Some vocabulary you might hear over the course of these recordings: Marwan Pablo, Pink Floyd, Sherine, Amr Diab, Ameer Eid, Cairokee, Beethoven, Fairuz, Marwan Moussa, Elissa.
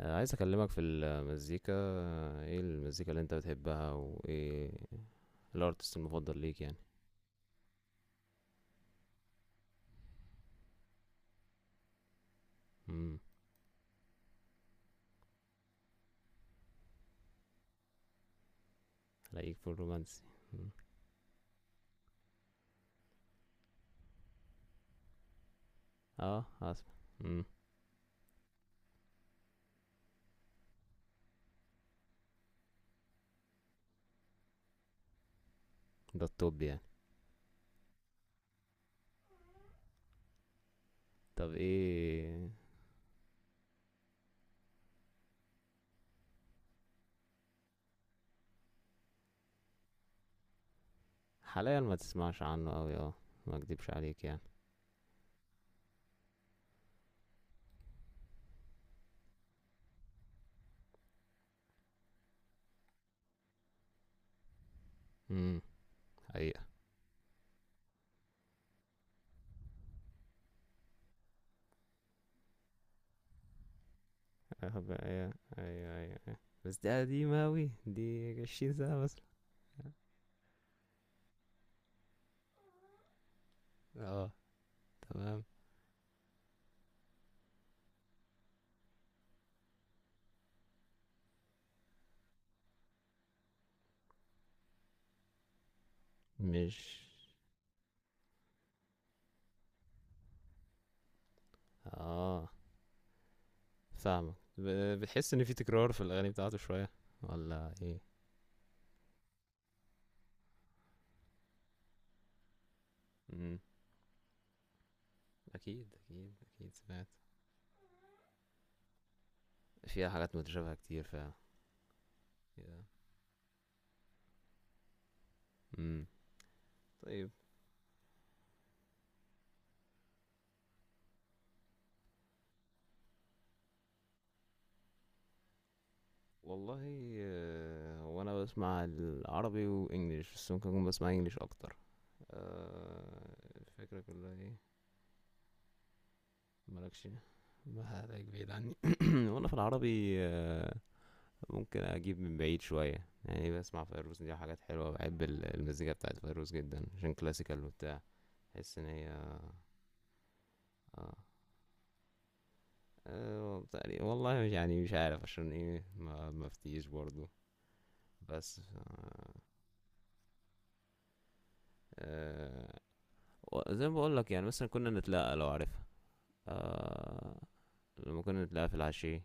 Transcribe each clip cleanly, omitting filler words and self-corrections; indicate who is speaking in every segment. Speaker 1: عايز اكلمك في المزيكا، ايه المزيكا اللي انت بتحبها وايه الارتست المفضل ليك يعني. امم الاقيك في الرومانسي. مم. اه، اسمع. امم ده التوب يعني. طب ايه؟ حاليا ما تسمعش عنه قوي، اه ما اكدبش عليك يعني. امم حقيقة. ايوه ايوه ايوه أيوة. بس دي قديمة اوي، دي 20 سنة مثلا. اه، تمام. مش اه فاهمك، بتحس ان في تكرار في الاغاني بتاعته شوية ولا ايه؟ امم اكيد اكيد اكيد سمعت، فيها حاجات متشابهة كتير فعلا. يا. امم طيب. والله هو انا بسمع العربي وانجليش، بس ممكن اكون بسمع انجليش اكتر. الفكرة كلها ايه. مالكش، ما عليك بعيد عني. وانا في العربي ممكن اجيب من بعيد شوية، يعني بسمع فيروز. دي حاجات حلوة، بحب المزيكا بتاعت فيروز جدا عشان كلاسيكال وبتاع. بحس ان هي اه. تقريبا والله، مش يعني مش عارف عشان ايه، ما مفتيش برضو. بس آه، آه، و- زي ما بقول لك، يعني مثلا كنا نتلاقى لو عارفها. آه، لما كنا نتلاقى في العشية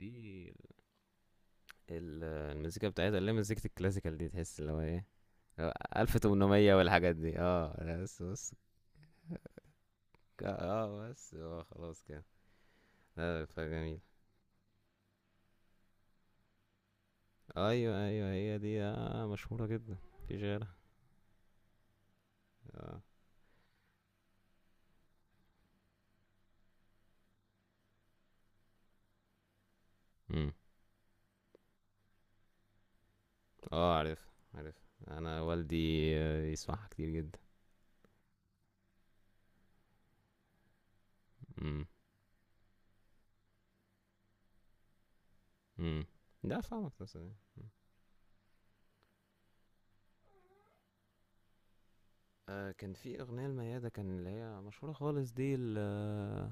Speaker 1: دي، المزيكا بتاعتها اللي هي مزيكة الكلاسيكال دي، تحس اللي هو ايه، ألف تمنمية والحاجات دي. اه لا بس بص، ك- اه بس اه خلاص كده. لا فجميل. ايوه ايوه، هي دي آه، مشهورة جدا. في غيرها؟ اه. مم. آه، عارفها عارفها. أنا والدي يسمعها كتير جدا. امم امم ده. آه، كان في أغنية لميادة كان، اللي هي مشهورة خالص دي ال آه،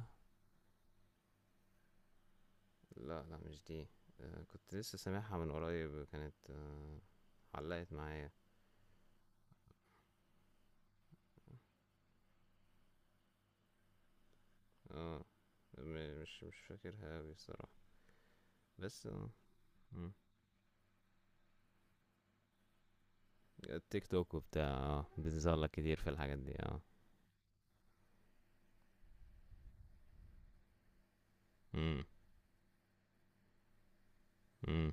Speaker 1: لا لا، مش دي. آه، كنت لسه سامعها من قريب، كانت آه، علقت معايا. اه، مش فاكرها أوي الصراحة. بس اه مم. التيك توك وبتاع، اه بتظهر لك كتير في الحاجات دي، اه. امم امم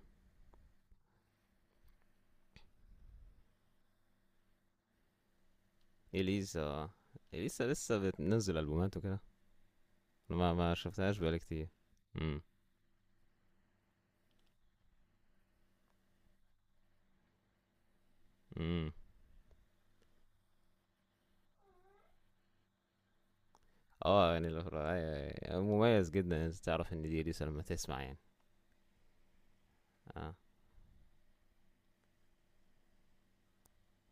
Speaker 1: إليسا. آه. إليسا لسه بتنزل ألبومات وكده؟ ما ما شفتهاش بقالي كتير. امم امم اه يعني الأخرى، أيوة، أيوة. مميز جدا إن انت تعرف ان دي اليسا لما تسمع يعني. اه،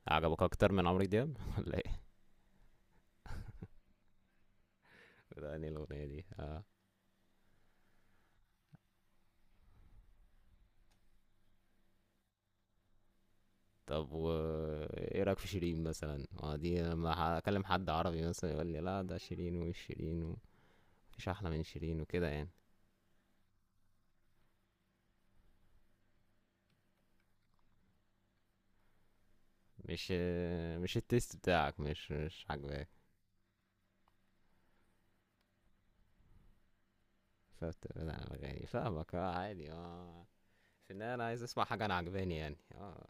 Speaker 1: عجبك اكتر من عمرو دياب ولا ايه؟ ده انهي الاغنيه دي، اه. طب و ايه رايك في شيرين مثلا؟ اه دي لما اكلم حد عربي مثلا يقول لي لا ده شيرين، ومش شيرين ومفيش احلى من شيرين وكده يعني. مش مش التيست بتاعك، مش عاجباك. فبتبعد عن الاغاني. فاهمك، اه عادي اه، في النهايه انا عايز اسمع حاجه انا عجباني يعني اه.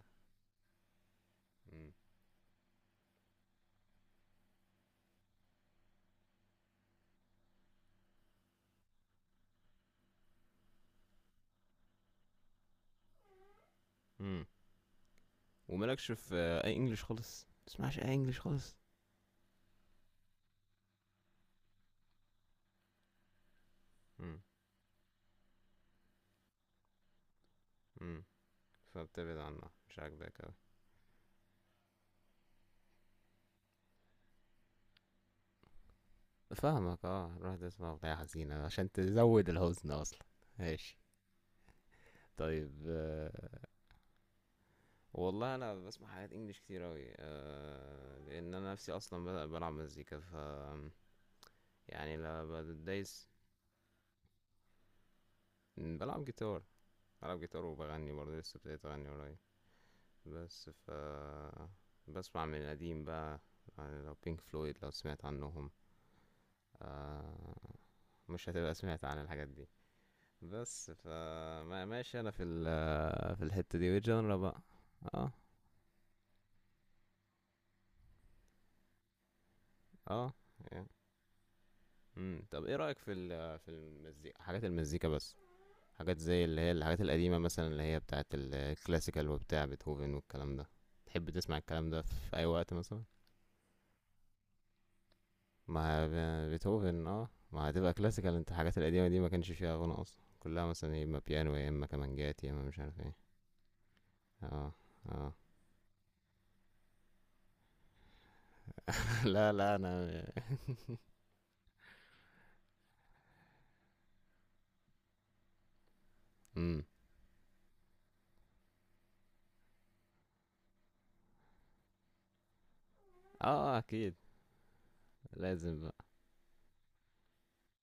Speaker 1: مم. امم ومالكش في اي انجليش خالص؟ تسمعش اي انجليش خالص؟ امم امم فبتبعد عنها، مش عاجباك اوي. فاهمك، اه، روح تسمع اغنية حزينة عشان تزود الحزن اصلا. ماشي. طيب آه، والله انا بسمع حاجات انجليش كتير اوي آه، لان انا نفسي اصلا بلعب مزيكا، ف يعني لما بدايس. بلعب جيتار، بلعب جيتار وبغني برضه، لسه ابتديت اغني قريب. بس ف بسمع من القديم بقى، يعني لو بينك فلويد لو سمعت عنهم. آه، مش هتبقى سمعت عن الحاجات دي. بس فما ماشي، انا في ال في الحتة دي والجانرا بقى. اه. اه. طب ايه رأيك في ال في المزيكا، حاجات المزيكا بس، حاجات زي اللي هي الحاجات القديمة مثلا، اللي هي بتاعت الكلاسيكال وبتاع بيتهوفن والكلام ده. تحب تسمع الكلام ده في اي وقت مثلا؟ ما بيتهوفن اه، ما هتبقى كلاسيكال. انت الحاجات القديمة دي ما كانش فيها غنى اصلا، كلها مثلا يا اما بيانو يا اما كمانجات يا اما مش عارف ايه. اه. اه. لا لا انا. امم اه اكيد. لازم بقى.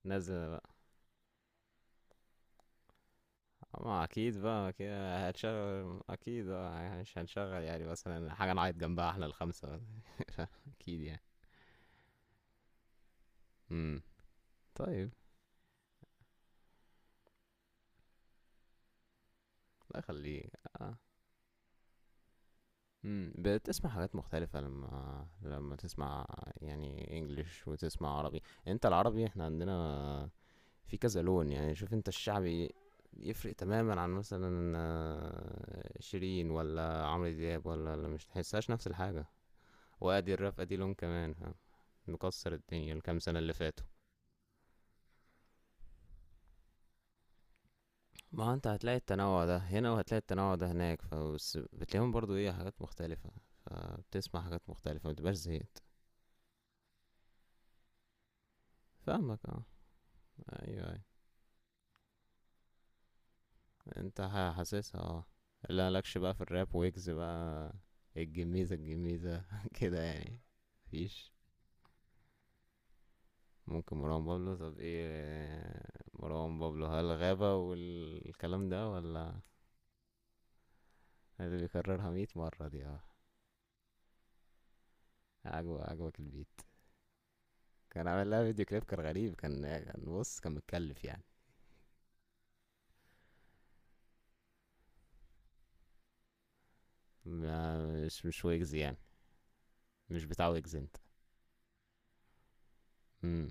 Speaker 1: نازل بقى. ما اكيد بقى كده هتشغل اكيد، اه مش هنشغل يعني مثلا حاجه نعيط جنبها احنا الخمسه. اكيد يعني. امم طيب. لا خليك. اه. بتسمع حاجات مختلفه لما تسمع، يعني انجليش وتسمع عربي. انت العربي احنا عندنا في كذا لون. يعني شوف انت الشعبي يفرق تماما عن مثلا شيرين ولا عمرو دياب ولا. مش تحسهاش نفس الحاجة. وادي الراب ادي لون كمان، ها، مكسر الدنيا الكام سنة اللي فاتوا. ما هو انت هتلاقي التنوع ده هنا، وهتلاقي التنوع ده هناك، فبس بتلاقيهم برضو ايه، حاجات مختلفة. فبتسمع حاجات مختلفة، متبقاش زهقت. فاهمك اه، ايوه ايوه. انت حاسسها اه. لا لكش بقى في الراب ويجز بقى. الجميزة الجميزة، كده يعني. مفيش. ممكن مروان بابلو. طب ايه مروان بابلو، هل غابة والكلام ده ولا؟ اللي بيكررها مية مرة دي اه. عجبك، عجبك البيت. كان عامل لها فيديو كليب كان غريب، كان كان بص كان متكلف يعني. ما مش ويجز يعني، مش بتاع ويجز انت. امم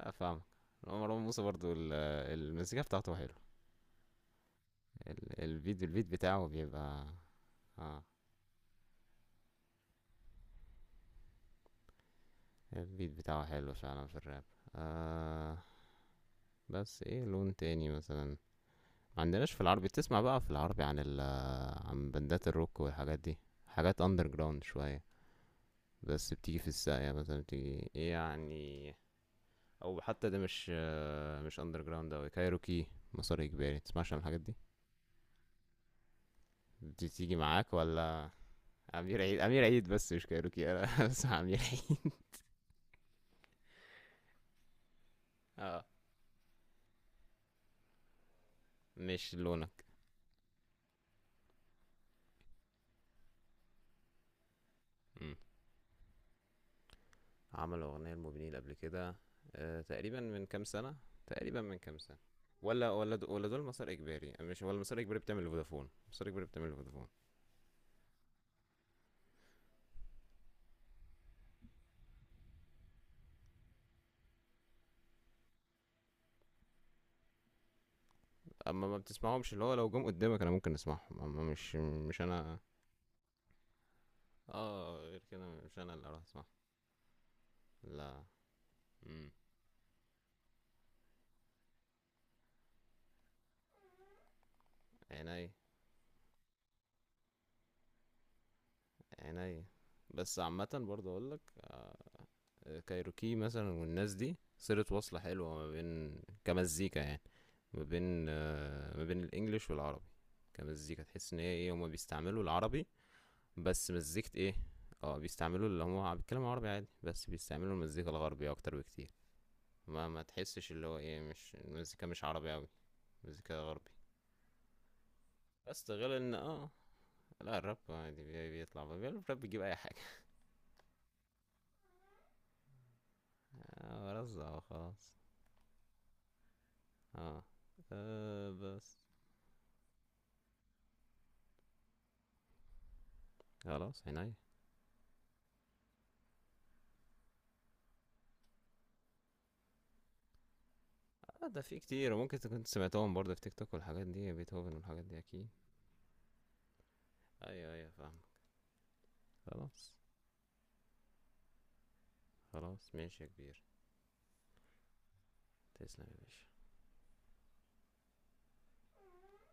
Speaker 1: افهمك. هو مروان موسى برضو المزيكا بتاعته حلوه. الفيديو، البيت بتاعه بيبقى اه، البيت بتاعه حلو فعلا في الراب. آه بس ايه لون تاني مثلا ما عندناش في العربي؟ بتسمع بقى في العربي عن عن بندات الروك والحاجات دي، حاجات اندر جراوند شوية، بس بتيجي في الساقية مثلا، بتيجي يعني. او حتى ده مش مش اندر جراوند اوي، كايروكي، مسار اجباري. تسمعش عن الحاجات دي؟ بتيجي معاك ولا؟ امير عيد، امير عيد بس مش كايروكي انا. بسمع امير عيد اه. مش لونك. م. عمل أغنية لموبينيل قبل كده. آه تقريبا من كام سنة. تقريبا من كام سنة. ولا دول مسار إجباري يعني؟ مش ولا مسار إجباري بتعمل لفودافون؟ مسار إجباري بتعمل لفودافون. أما ما بتسمعهمش، اللي هو لو جم قدامك أنا ممكن أسمعهم، أما مش أنا. اه، غير كده مش أنا اللي أروح أسمعهم. لا. امم عيني. عيني. بس عامة برضه أقول لك كايروكي مثلا والناس دي صلة، وصلة حلوة ما بين كمزيكا يعني، ما بين ما بين الانجليش والعربي. كمزيكا تحس ان هي ايه، هما بيستعملوا العربي، بس مزيكة ايه. اه بيستعملوا، اللي هما بيتكلموا عربي عادي، بس بيستعملوا المزيكا الغربية اكتر بكتير. ما ما تحسش اللي هو ايه، مش المزيكا مش عربي اوي، مزيكا غربي. بس ده غير ان اه، لا الراب عادي بيطلع بقى الراب بيجيب اي حاجة. اه رزع وخلاص. اه. آه، بس. خلاص عينيا. اه ده في كتير، وممكن تكون سمعتهم برضه في تيك توك والحاجات دي، بيتهوفن والحاجات دي اكيد. ايوه ايوه، فاهم. خلاص. خلاص ماشي يا كبير. تسلم يا باشا.